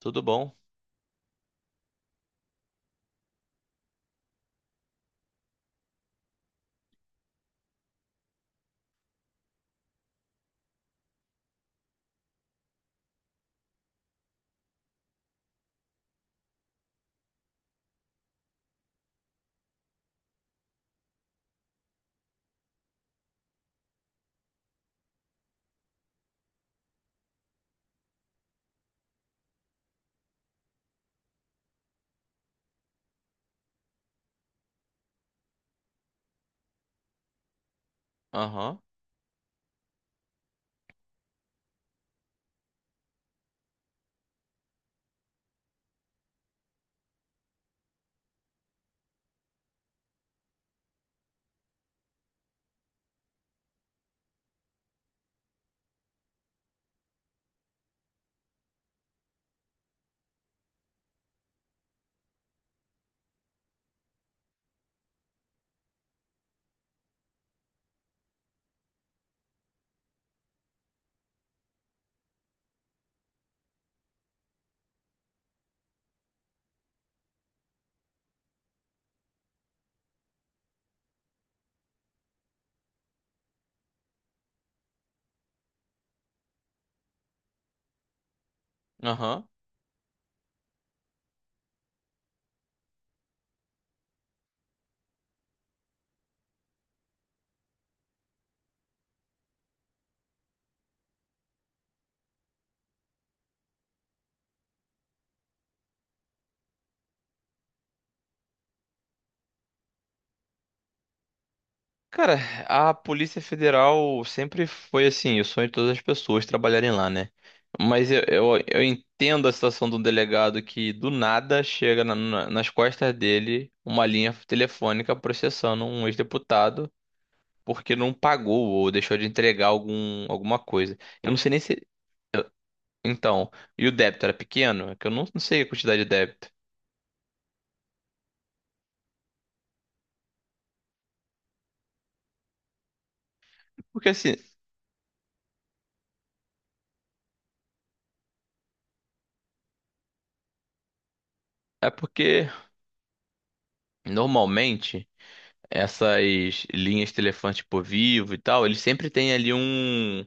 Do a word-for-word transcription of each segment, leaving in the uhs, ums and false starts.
Tudo bom? Aham, aham. Cara, a Polícia Federal sempre foi assim, o sonho de todas as pessoas trabalharem lá, né? Mas eu, eu, eu entendo a situação de um delegado que do nada chega na- na- nas costas dele uma linha telefônica processando um ex-deputado porque não pagou ou deixou de entregar algum, alguma coisa. Eu não sei nem se. Então, e o débito era pequeno? É que eu não, não sei a quantidade de débito. Porque assim, é porque normalmente, essas linhas telefantes por vivo e tal, ele sempre tem ali um,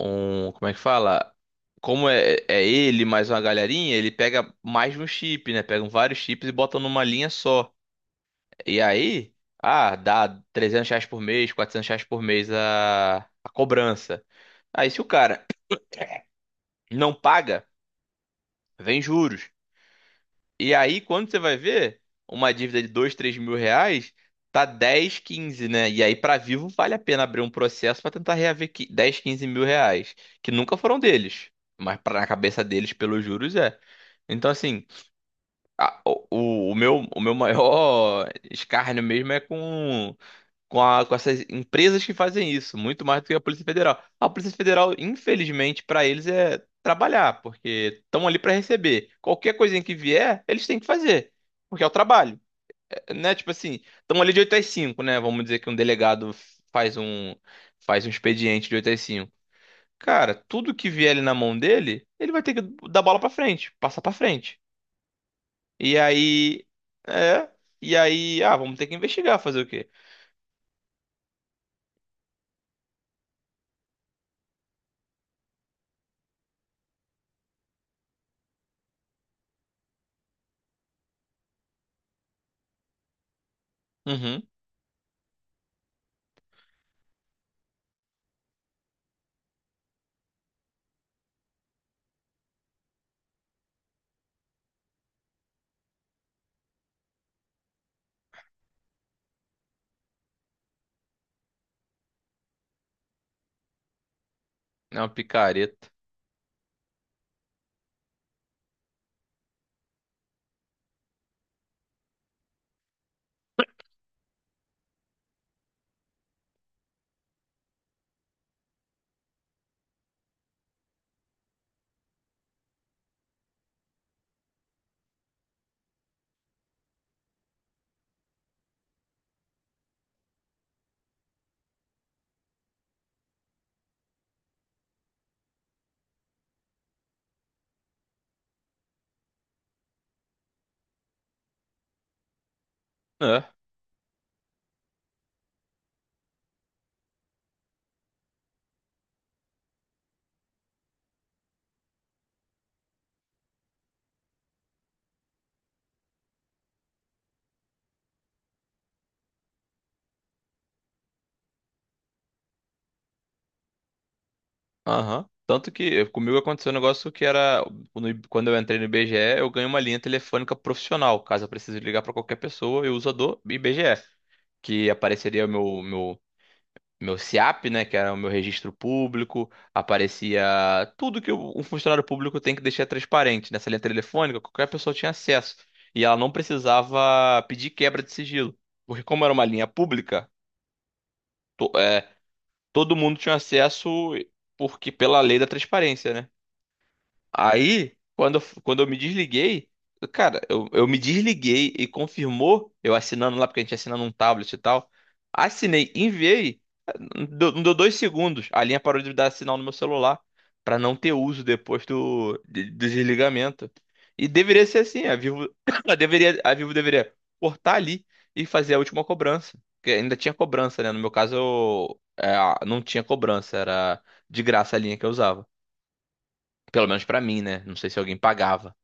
um, como é que fala? Como é, é ele mais uma galerinha, ele pega mais de um chip, né? Pegam vários chips e botam numa linha só. E aí, ah, dá trezentos reais por mês, quatrocentos reais por mês a, a cobrança. Aí se o cara não paga, vem juros. E aí, quando você vai ver, uma dívida de dois três mil reais tá dez quinze, né? E aí, pra vivo, vale a pena abrir um processo pra tentar reaver qui- dez quinze mil reais, que nunca foram deles, mas pra, na cabeça deles, pelos juros, é. Então, assim, a- o, o o meu, o meu maior escárnio mesmo é com com, a- com essas empresas que fazem isso, muito mais do que a Polícia Federal. A Polícia Federal, infelizmente, para eles é trabalhar, porque estão ali para receber. Qualquer coisinha que vier, eles têm que fazer, porque é o trabalho. É, né? Tipo assim, estão ali de oito às cinco, né? Vamos dizer que um delegado faz um faz um expediente de oito às cinco. Cara, tudo que vier ali na mão dele, ele vai ter que dar bola para frente, passar para frente. E aí, é, e aí, ah, vamos ter que investigar, fazer o quê? Uhum, é uma picareta. É. Aham. Tanto que eu- comigo aconteceu um negócio que era no I- quando eu entrei no I B G E, eu ganhei uma linha telefônica profissional. Caso eu precise ligar para qualquer pessoa, eu uso a do I B G E, que apareceria o meu meu meu S I A P, né, que era o meu registro público, aparecia tudo que o- um funcionário público tem que deixar transparente. Nessa linha telefônica, qualquer pessoa tinha acesso e ela não precisava pedir quebra de sigilo, porque como era uma linha pública, to- é, todo mundo tinha acesso porque pela lei da transparência, né? Aí, quando, eu- quando eu me desliguei, cara, eu, eu me desliguei e confirmou, eu assinando lá, porque a gente assina num tablet e tal. Assinei, enviei, não deu, não deu dois segundos, a linha parou de dar sinal no meu celular, pra não ter uso depois do, de- do desligamento. E deveria ser assim, a Vivo, a deveria, a Vivo deveria cortar ali e fazer a última cobrança. Porque ainda tinha cobrança, né? No meu caso, eu, é, não tinha cobrança, era de graça a linha que eu usava. Pelo menos pra mim, né? Não sei se alguém pagava.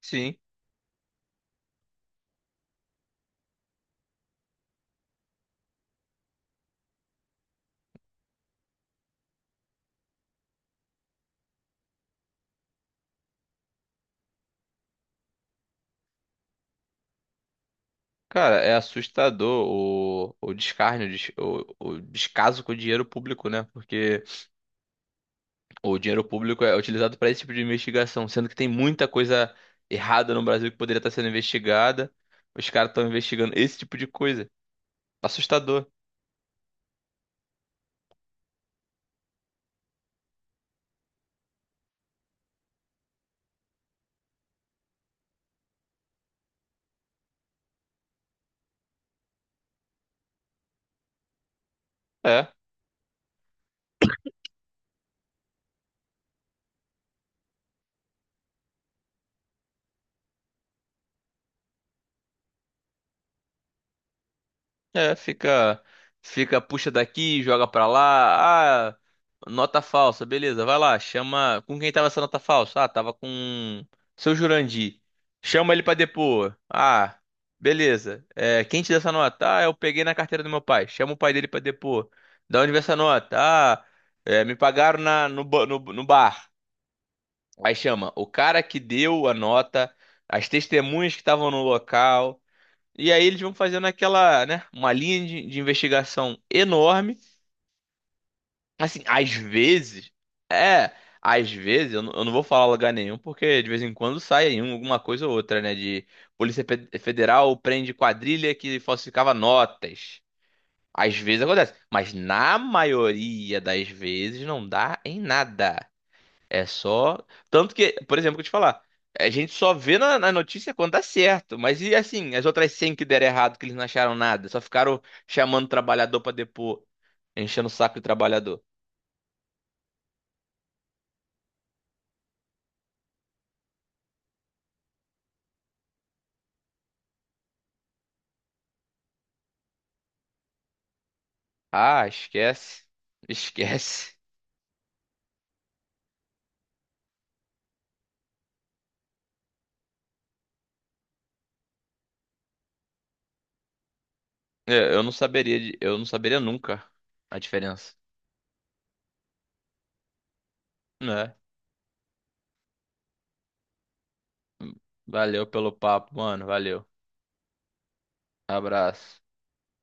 Sim. Cara, é assustador o, o descarne, o, des- o- o descaso com o dinheiro público, né? Porque o dinheiro público é utilizado para esse tipo de investigação, sendo que tem muita coisa errada no Brasil que poderia estar sendo investigada. Os caras estão investigando esse tipo de coisa. Assustador. É. É, fica, fica, puxa daqui, joga pra lá. Ah, nota falsa, beleza, vai lá, chama. Com quem tava essa nota falsa? Ah, tava com seu Jurandir. Chama ele pra depor. Ah, beleza. É, quem te deu essa nota? Ah, eu peguei na carteira do meu pai. Chama o pai dele pra depor. Da onde veio essa nota? Ah, é, me pagaram na, no, ba- no, no bar. Aí chama o cara que deu a nota, as testemunhas que estavam no local. E aí eles vão fazendo aquela, né, uma linha de, de investigação enorme. Assim, às vezes, é, às vezes, eu, não eu não vou falar lugar nenhum, porque de vez em quando sai aí um- alguma coisa ou outra, né, de Polícia Pe- Federal prende quadrilha que falsificava notas. Às vezes acontece, mas na maioria das vezes não dá em nada. É só. Tanto que, por exemplo, que eu te falar, a gente só vê na, na notícia quando dá certo. Mas e assim, as outras cem que deram errado, que eles não acharam nada, só ficaram chamando o trabalhador pra depor, enchendo o saco do trabalhador. Ah, esquece. Esquece. É, eu não saberia, de- eu não saberia nunca a diferença. Né? Valeu pelo papo, mano. Valeu. Abraço.